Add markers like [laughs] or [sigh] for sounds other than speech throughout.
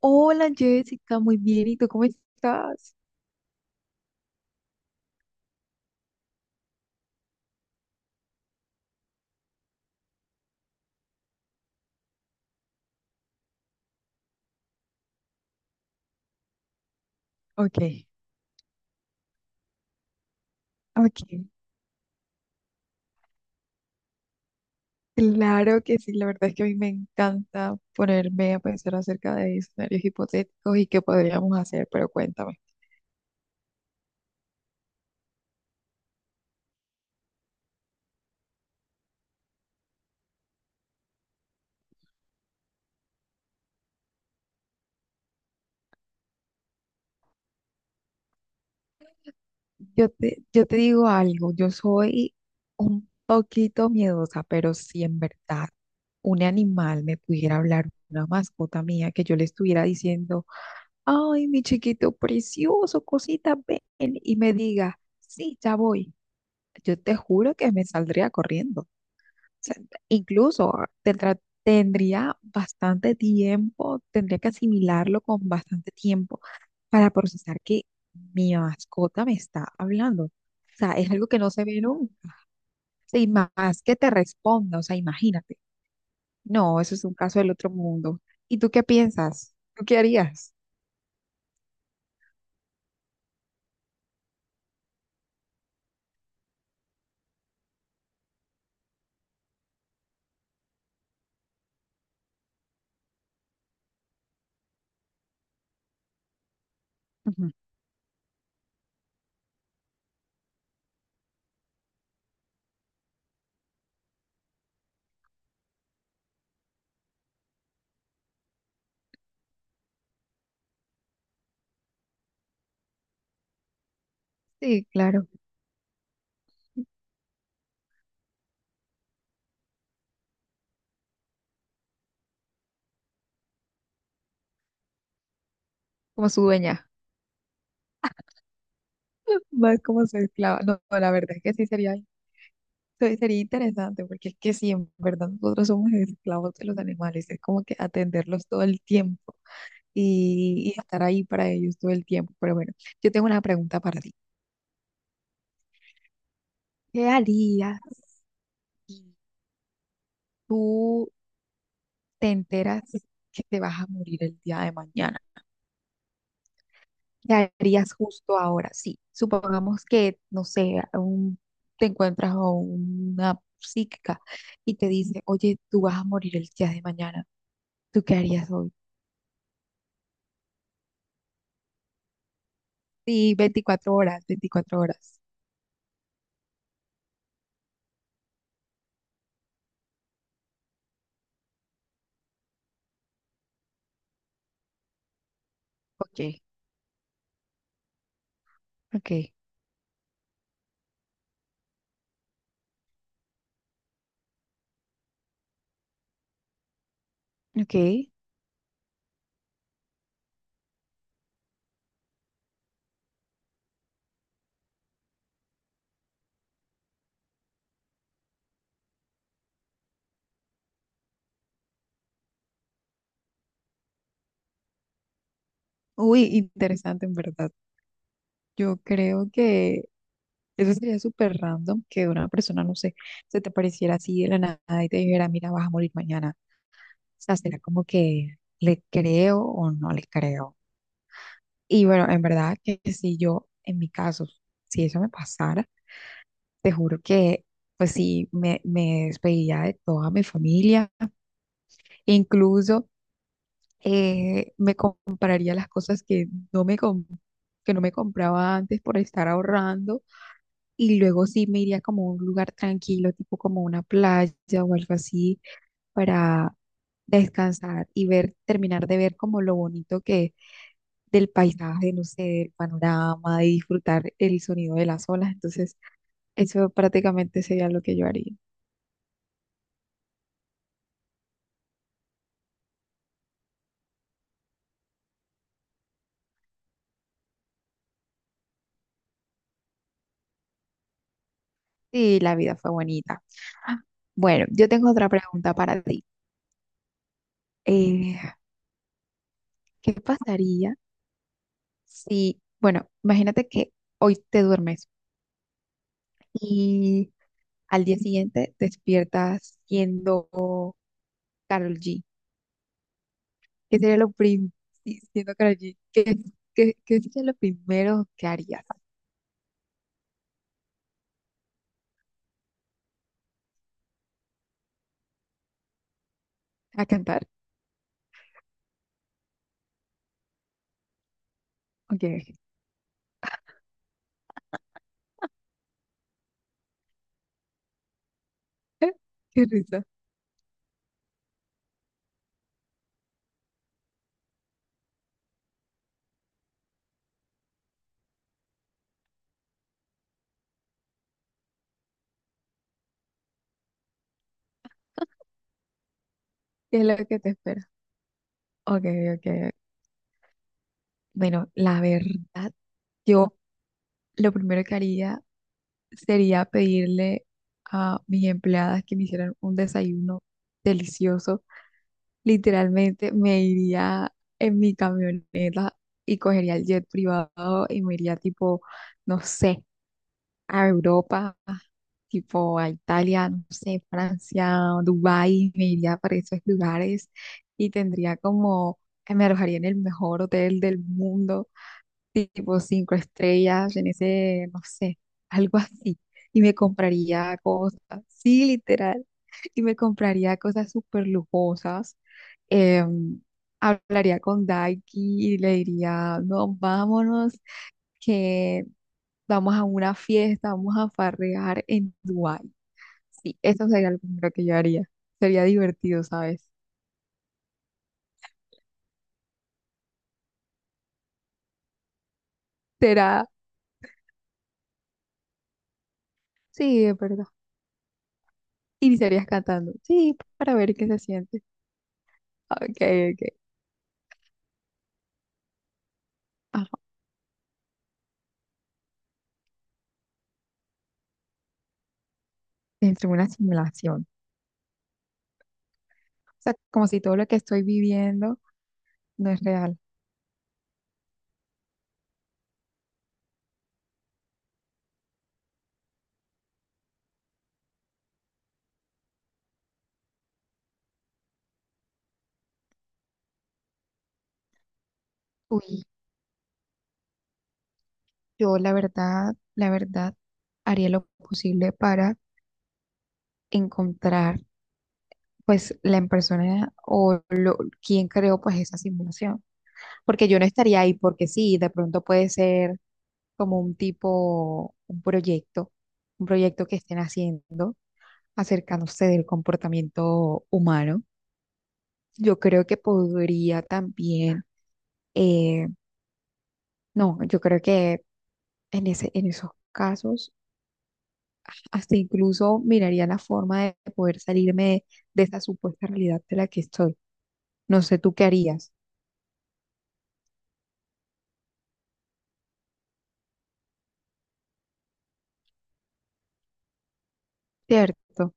Hola Jessica, muy bien. ¿Y tú cómo estás? Ok, ok. Claro que sí, la verdad es que a mí me encanta ponerme a pensar acerca de escenarios hipotéticos y qué podríamos hacer, pero cuéntame. Yo te digo algo, yo soy un poquito miedosa, pero si en verdad un animal me pudiera hablar, una mascota mía, que yo le estuviera diciendo, ay, mi chiquito precioso, cosita, ven, y me diga, sí, ya voy. Yo te juro que me saldría corriendo. O sea, incluso tendría bastante tiempo, tendría que asimilarlo con bastante tiempo para procesar que mi mascota me está hablando. O sea, es algo que no se ve nunca. O y más que te responda, o sea, imagínate. No, eso es un caso del otro mundo. ¿Y tú qué piensas? ¿Tú qué harías? Ujú. Sí, claro, como su dueña, [laughs] más como su esclava. No, no, la verdad es que sí sería sería interesante porque es que sí, en verdad nosotros somos esclavos de los animales, es como que atenderlos todo el tiempo y estar ahí para ellos todo el tiempo. Pero bueno, yo tengo una pregunta para ti. ¿Qué harías si tú te enteras que te vas a morir el día de mañana? ¿Qué harías justo ahora? Sí, supongamos que, no sé, te encuentras a una psíquica y te dice, oye, tú vas a morir el día de mañana. ¿Tú qué harías? Sí, 24 horas, 24 horas. Ok, ok, ok. Uy, interesante en verdad. Yo creo que eso sería súper random que una persona, no sé, se te pareciera así de la nada y te dijera, mira, vas a morir mañana. O sea, será como que le creo o no le creo. Y bueno, en verdad que si yo, en mi caso, si eso me pasara, te juro que, pues sí, me despediría de toda mi familia. Incluso, me compraría las cosas que que no me compraba antes por estar ahorrando y luego sí me iría como a un lugar tranquilo, tipo como una playa o algo así, para descansar y ver, terminar de ver como lo bonito que del paisaje, no sé, del panorama, y disfrutar el sonido de las olas. Entonces, eso prácticamente sería lo que yo haría. Sí, la vida fue bonita. Bueno, yo tengo otra pregunta para ti. Eh, ¿Qué pasaría? Sí, bueno, imagínate que hoy te duermes y al día siguiente despiertas siendo Carol G. ¿Qué sería lo prim Sí, ¿siendo Karol G? ¿Qué sería lo primero que harías? A cantar. Ok. [laughs] Qué risa. ¿Qué es lo que te espera? Ok, ok, ok. Bueno, la verdad, yo lo primero que haría sería pedirle a mis empleadas que me hicieran un desayuno delicioso. Literalmente me iría en mi camioneta y cogería el jet privado y me iría tipo, no sé, a Europa, tipo a Italia, no sé, Francia, Dubái. Me iría para esos lugares y tendría como, me alojaría en el mejor hotel del mundo tipo cinco estrellas en ese, no sé, [laughs] algo así. Y me compraría cosas, sí, literal. Y me compraría cosas súper lujosas. em, Hablaría con Daiki y le diría, no, vámonos, que vamos a una fiesta, vamos a farrear en Dubái. Sí, eso sería lo primero que yo haría. Sería divertido, ¿sabes? Será, sí, es verdad. Iniciarías cantando, sí, para ver qué se siente. Ok, ok. Dentro de una simulación. O sea, como si todo lo que estoy viviendo no es real. Uy, yo la verdad, haría lo posible para encontrar pues la persona o lo, quien creó pues esa simulación. Porque yo no estaría ahí porque sí, de pronto puede ser como un tipo, un proyecto que estén haciendo acercándose del comportamiento humano. Yo creo que podría también, eh, no, yo creo que en esos casos, hasta incluso miraría la forma de poder salirme de esa supuesta realidad de la que estoy. No sé tú qué harías, ¿cierto?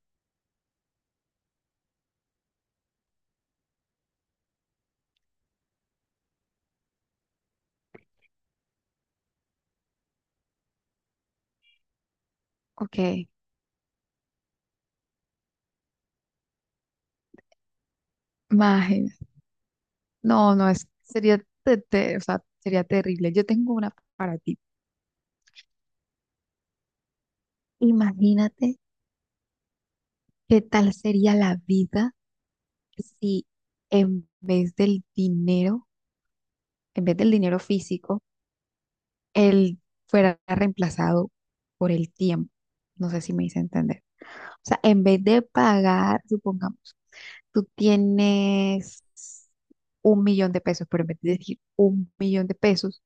Ok, imagina. No, no, es, sería, o sea, sería terrible. Yo tengo una para ti. Imagínate qué tal sería la vida si, en vez del dinero, en vez del dinero físico, él fuera reemplazado por el tiempo. No sé si me hice entender. O sea, en vez de pagar, supongamos, tú tienes 1 millón de pesos, pero en vez de decir 1 millón de pesos,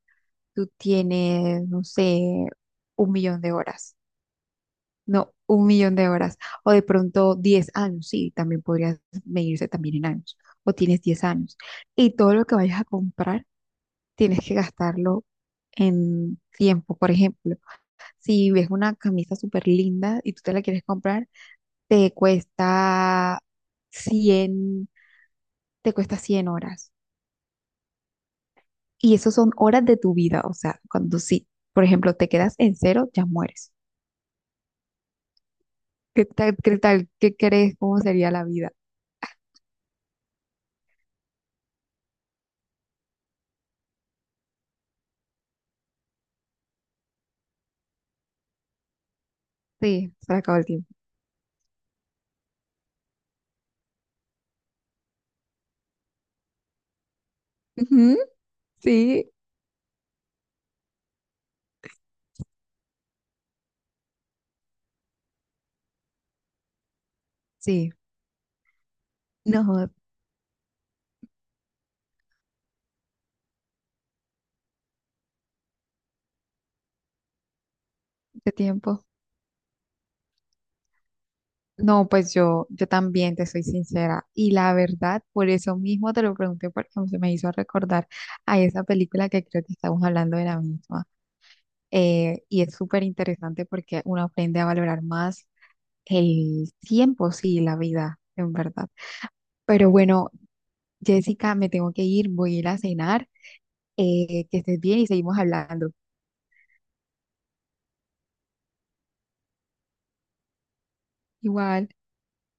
tú tienes, no sé, 1 millón de horas. No, 1 millón de horas. O de pronto 10 años, sí, también podrías medirse también en años. O tienes 10 años. Y todo lo que vayas a comprar, tienes que gastarlo en tiempo. Por ejemplo, si ves una camisa súper linda y tú te la quieres comprar, te cuesta 100 te cuesta 100 horas. Y eso son horas de tu vida. O sea, cuando sí, por ejemplo, te quedas en cero, ya mueres. ¿Qué tal? ¿Qué tal? ¿Qué crees? ¿Cómo sería la vida? Sí, se le acabó el tiempo. Ujú, sí, sí. No, de tiempo. No, pues yo también te soy sincera. Y la verdad, por eso mismo te lo pregunté, porque se me hizo recordar a esa película que creo que estamos hablando de la misma. Y es súper interesante porque uno aprende a valorar más el tiempo, sí, la vida, en verdad. Pero bueno, Jessica, me tengo que ir, voy a ir a cenar. Que estés bien y seguimos hablando. Igual.